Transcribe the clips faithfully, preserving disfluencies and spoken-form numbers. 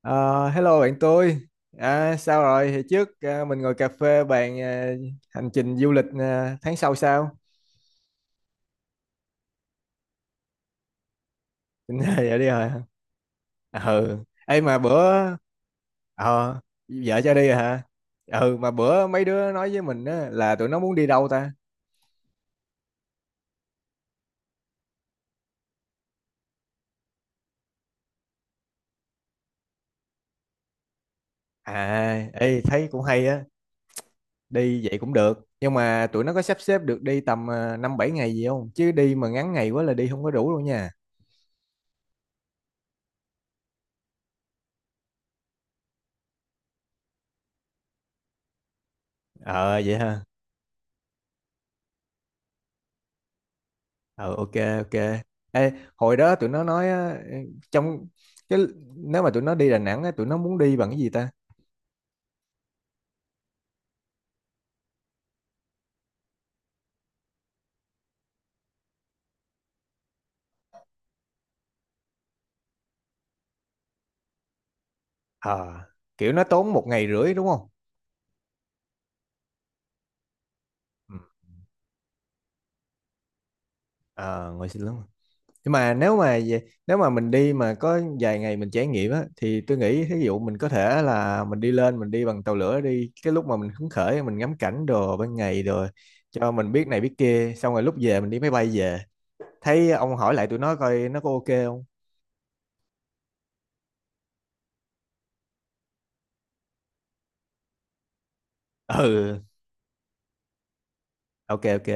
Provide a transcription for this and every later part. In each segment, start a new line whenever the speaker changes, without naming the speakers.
Ờ, Hello bạn tôi. À, sao rồi? Hồi trước à, mình ngồi cà phê bàn à, hành trình du lịch à, tháng sau sao? Vậy đi rồi. Hả? À, ừ. Ê mà bữa ờ vợ cho đi rồi hả? Ừ mà bữa mấy đứa nói với mình á, là tụi nó muốn đi đâu ta? À, ê thấy cũng hay á, đi vậy cũng được. Nhưng mà tụi nó có sắp xếp được đi tầm à, năm bảy ngày gì không? Chứ đi mà ngắn ngày quá là đi không có đủ đâu nha. Ờ vậy hả? Ừ, ok, ok. Ê, hồi đó tụi nó nói á, trong cái nếu mà tụi nó đi Đà Nẵng á, tụi nó muốn đi bằng cái gì ta? Ờ, kiểu nó tốn một ngày rưỡi đúng không? Ừ. ờ Ngồi xin lắm, nhưng mà nếu mà về- nếu mà mình đi mà có vài ngày mình trải nghiệm á thì tôi nghĩ ví dụ mình có thể là mình đi lên, mình đi bằng tàu lửa đi, cái lúc mà mình hứng khởi mình ngắm cảnh đồ ban ngày rồi cho mình biết này biết kia, xong rồi lúc về mình đi máy bay về. Thấy ông hỏi lại tụi nó coi nó có ok không. Ừ, ok, ok.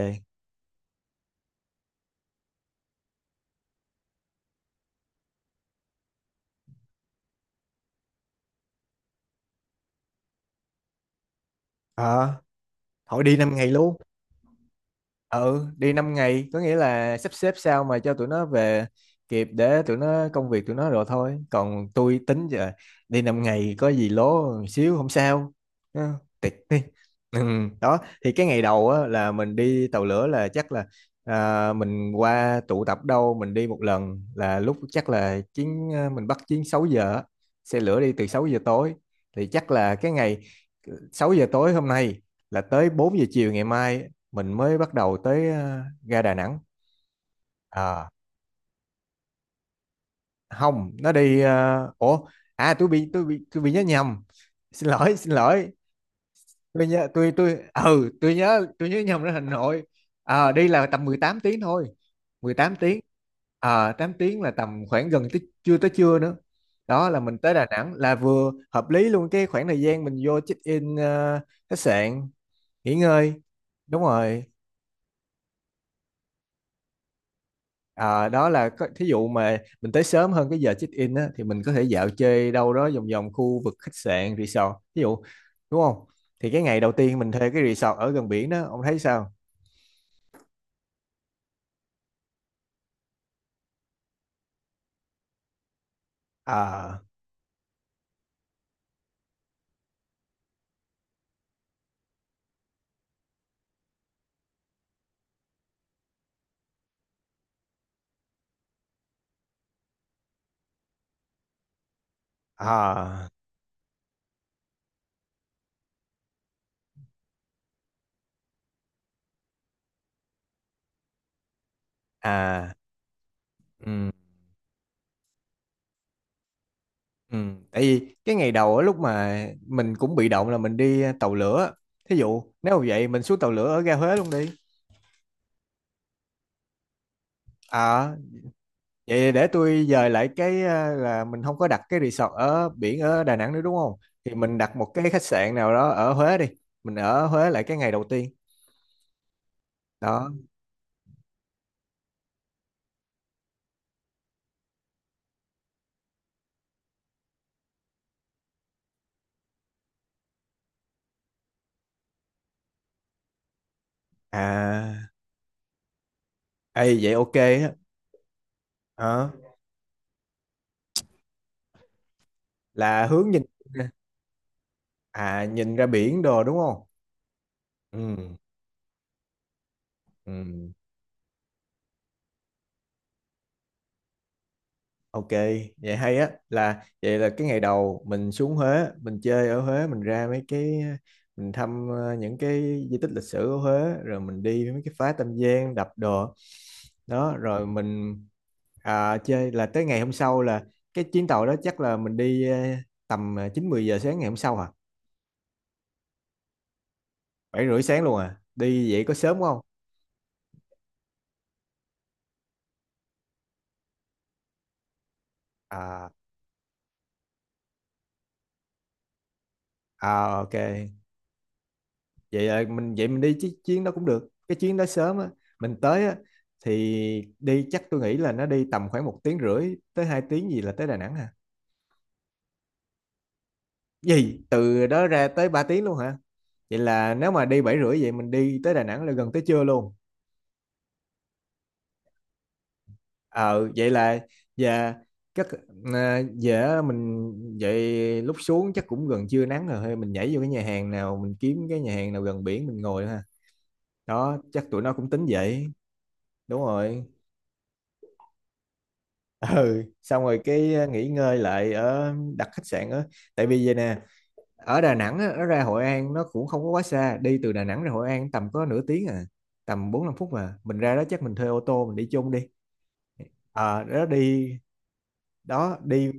Ờ. Thôi đi năm ngày luôn. Ừ, đi năm ngày, có nghĩa là sắp xếp sao mà cho tụi nó về kịp để tụi nó công việc tụi nó rồi thôi. Còn tôi tính giờ đi năm ngày có gì lố một xíu không sao. Ừ, tiệt đi. Ừ, đó, thì cái ngày đầu á, là mình đi tàu lửa là chắc là à, mình qua tụ tập đâu mình đi một lần là lúc chắc là chuyến à, mình bắt chuyến sáu giờ á. Xe lửa đi từ sáu giờ tối thì chắc là cái ngày ờ, sáu giờ tối hôm nay là tới bốn giờ chiều ngày mai mình mới bắt đầu tới ờ, ga Đà Nẵng. À, không nó đi ờ, ủa, à tôi bị tôi bị tôi bị nhớ nhầm, xin lỗi xin lỗi. Tôi nhớ tôi tôi ừ tôi nhớ tôi nhớ nhầm ra Hà Nội. À, đi là tầm mười tám tiếng thôi, mười tám tiếng. À, tám tiếng là tầm khoảng gần tới, chưa tới trưa nữa. Đó là mình tới Đà Nẵng là vừa hợp lý luôn, cái khoảng thời gian mình vô check in ờ, khách sạn nghỉ ngơi. Đúng rồi. Ờ, đó là có, thí dụ mà mình tới sớm hơn cái giờ check-in á, thì mình có thể dạo chơi đâu đó vòng vòng khu vực khách sạn, resort, thí dụ. Đúng không? Thì cái ngày đầu tiên mình thuê cái resort ở gần biển đó, ông thấy sao? À, à, à, ừ, ừ. Tại vì cái ngày đầu á, lúc mà mình cũng bị động là mình đi tàu lửa. Thí dụ nếu mà vậy mình xuống tàu lửa ở ga Huế luôn đi. À, vậy để tôi dời lại cái ờ, là mình không có đặt cái resort ở biển ở Đà Nẵng nữa đúng không? Thì mình đặt một cái khách sạn nào đó ở Huế đi. Mình ở Huế lại cái ngày đầu tiên. Đó. À, ê vậy ok á. Ờ, là hướng nhìn, à nhìn ra biển đồ đúng không? Ừ. Ừ. Ok, vậy hay á, là vậy là cái ngày đầu mình xuống Huế, mình chơi ở Huế, mình ra mấy cái, mình thăm ờ, những cái di tích lịch sử ở Huế, rồi mình đi mấy cái phá Tam Giang, đập đồ. Đó, rồi mình à, chơi là tới ngày hôm sau là cái chuyến tàu đó chắc là mình đi ờ, tầm ờ, chín mười giờ sáng ngày hôm sau hả? Bảy rưỡi sáng luôn à. Đi vậy có sớm không? À, à, ok. Vậy là mình, vậy mình đi chiếc chuyến đó cũng được, cái chuyến đó sớm á, mình tới á thì đi, chắc tôi nghĩ là nó đi tầm khoảng một tiếng rưỡi tới hai tiếng gì là tới Đà Nẵng hả? Gì từ đó ra tới ba tiếng luôn hả? Vậy là nếu mà đi bảy rưỡi vậy mình đi tới Đà Nẵng là gần tới trưa luôn. ờ Vậy là và các à, về mình, vậy lúc xuống chắc cũng gần trưa nắng rồi thôi mình nhảy vô cái nhà hàng nào, mình kiếm cái nhà hàng nào gần biển mình ngồi ha. Đó chắc tụi nó cũng tính vậy. Đúng rồi. Ừ, xong rồi cái ờ, nghỉ ngơi lại ở đặt khách sạn á. Tại vì vậy nè, ở Đà Nẵng á, nó ra Hội An nó cũng không có quá xa, đi từ Đà Nẵng ra Hội An tầm có nửa tiếng à, tầm bốn năm phút, mà mình ra đó chắc mình thuê ô tô mình đi chung đi. Ờ đó đi, đó đi,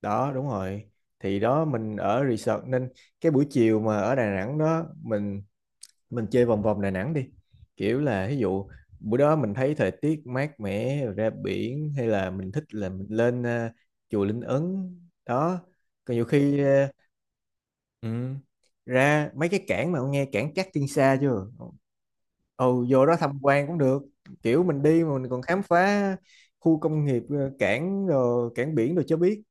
đó đúng rồi. Thì đó mình ở resort nên cái buổi chiều mà ở Đà Nẵng đó mình mình chơi vòng vòng Đà Nẵng đi, kiểu là ví dụ bữa đó mình thấy thời tiết mát mẻ rồi ra biển, hay là mình thích là mình lên ờ, chùa Linh Ấn. Đó, còn nhiều khi ờ, ừ, ra mấy cái cảng, mà ông nghe cảng Cát Tiên Sa chưa? Ừ, vô đó tham quan cũng được, kiểu mình đi mà mình còn khám phá khu công nghiệp ờ, cảng rồi cảng biển rồi cho biết.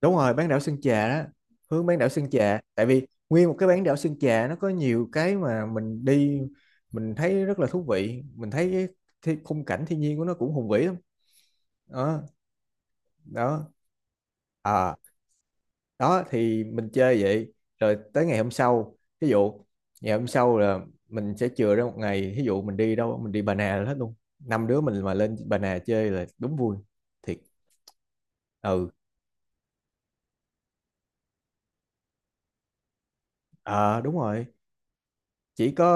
Đúng rồi bán đảo Sơn Trà đó, hướng bán đảo Sơn Trà, tại vì nguyên một cái bán đảo Sơn Trà nó có nhiều cái mà mình đi mình thấy rất là thú vị. Mình thấy cái, cái khung cảnh thiên nhiên của nó cũng hùng vĩ lắm. Đó. Đó. À. Đó thì mình chơi vậy, rồi tới ngày hôm sau ví dụ, ngày hôm sau là mình sẽ chừa ra một ngày, ví dụ mình đi đâu mình đi Bà Nà là hết luôn, năm đứa mình mà lên Bà Nà chơi là đúng vui thiệt. Ừ. À, đúng rồi. Chỉ có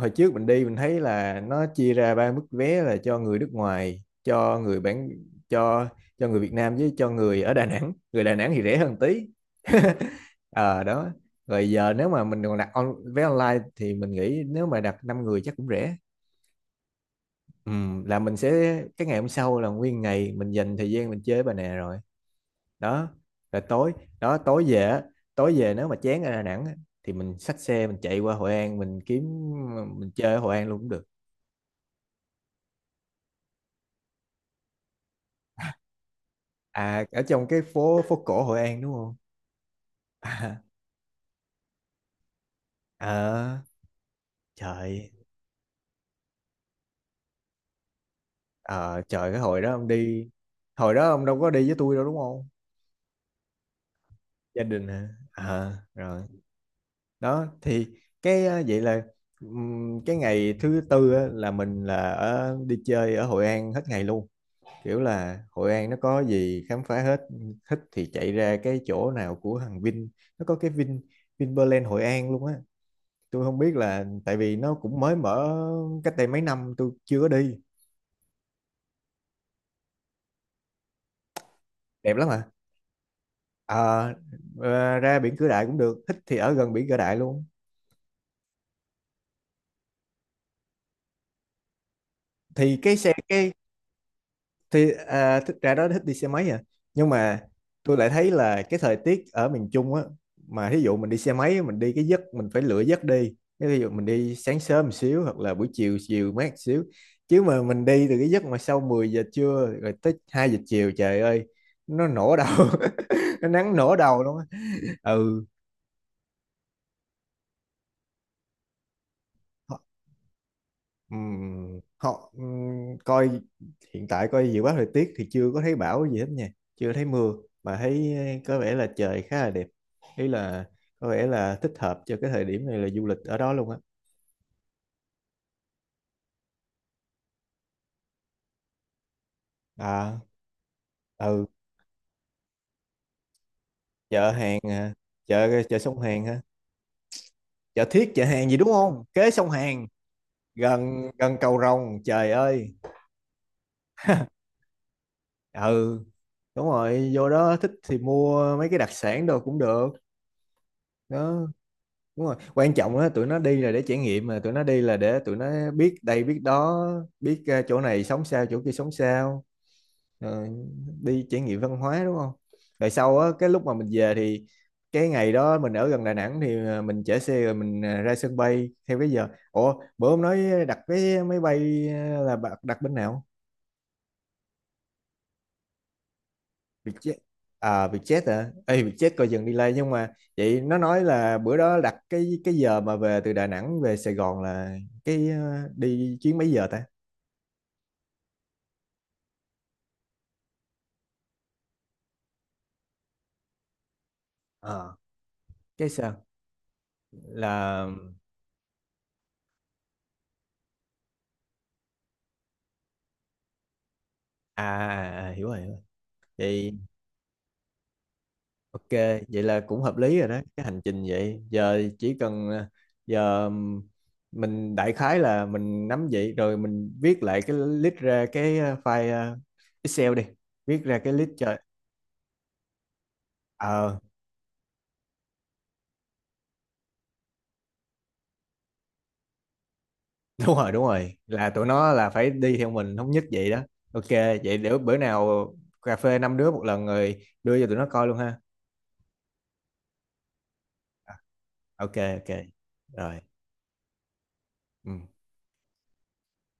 hồi trước mình đi, mình thấy là nó chia ra ba mức vé, là cho người nước ngoài, cho người bản, cho cho người Việt Nam, với cho người ở Đà Nẵng. Người Đà Nẵng thì rẻ hơn tí. Ờ đó, rồi giờ nếu mà mình còn đặt on, vé online thì mình nghĩ nếu mà đặt năm người chắc cũng rẻ. Ừ, là mình sẽ, cái ngày hôm sau là nguyên ngày mình dành thời gian mình chơi với bà nè rồi. Đó là tối, đó tối về á, tối về nếu mà chán ở Đà Nẵng á, thì mình xách xe mình chạy qua Hội An mình kiếm, mình chơi ở Hội An luôn cũng được. À, ở trong cái phố, phố cổ Hội An đúng không? À, ờ, trời, ờ, trời, cái hồi đó ông đi, hồi đó ông đâu có đi với tôi đâu đúng không? Gia đình hả? À, rồi. Đó thì cái ờ, vậy là ừm, cái ngày thứ tư á, là mình là ở đi chơi ở Hội An hết ngày luôn. Kiểu là Hội An nó có gì khám phá hết, thích thì chạy ra cái chỗ nào của thằng Vin, nó có cái Vin, Vinpearl Hội An luôn á. Tôi không biết là tại vì nó cũng mới mở cách đây mấy năm tôi chưa có đi. Đẹp lắm à. Ờ, ờ, ra biển Cửa Đại cũng được, thích thì ở gần biển Cửa Đại luôn. Thì cái xe, cái thì à, thích ra đó thích đi xe máy à, nhưng mà tôi lại thấy là cái thời tiết ở miền Trung á, mà thí dụ mình đi xe máy mình đi cái giấc mình phải lựa giấc đi, cái ví dụ mình đi sáng sớm một xíu hoặc là buổi chiều chiều mát xíu, chứ mà mình đi từ cái giấc mà sau mười giờ trưa rồi tới hai giờ chiều, trời ơi nó nổ đầu. Nó nắng nổ đầu luôn á. Ừ. Ừm, họ ừm, coi hiện tại coi dự báo thời tiết thì chưa có thấy bão gì hết nha, chưa thấy mưa. Mà thấy eh, có vẻ là trời khá là đẹp. Ý là có vẻ là thích hợp cho cái thời điểm này là du lịch ở đó luôn á. À, ừ, chợ hàng à, chợ chợ sông Hàn ha, chợ Thiết chợ Hàn gì đúng không, kế sông Hàn, gần gần cầu Rồng, trời ơi. Ừ, đúng rồi vô đó thích thì mua mấy cái đặc sản đồ cũng được. Đó đúng rồi, quan trọng á tụi nó đi là để trải nghiệm, mà tụi nó đi là để tụi nó biết đây biết đó, biết ờ, chỗ này sống sao chỗ kia sống sao. Ờ, đi trải nghiệm văn hóa đúng không. Rồi sau á cái lúc mà mình về thì cái ngày đó mình ở gần Đà Nẵng thì ờ, mình chở xe rồi mình ờ, ra sân bay theo cái giờ, ủa bữa ông nói đặt vé máy bay ờ, là bạn đặt bên nào? Bị chết, à bị chết hả, ê bị chết coi dừng delay. Nhưng mà vậy nó nói là bữa đó đặt cái cái giờ mà về từ Đà Nẵng về Sài Gòn là cái ờ, đi chuyến mấy giờ ta? Ờ, cái sao là à, à, à, hiểu rồi hiểu rồi. Vậy ok, vậy là cũng hợp lý rồi đó cái hành trình vậy, giờ chỉ cần ờ, giờ mình đại khái là mình nắm vậy rồi, mình viết lại cái list ra cái ờ, file ờ, Excel đi, viết ra cái list cho. Ờ đúng rồi đúng rồi, là tụi nó là phải đi theo mình thống nhất vậy đó. Ok vậy để bữa nào cà phê năm đứa một lần rồi đưa cho tụi nó coi luôn ha. À, ok ok, rồi. Ừ.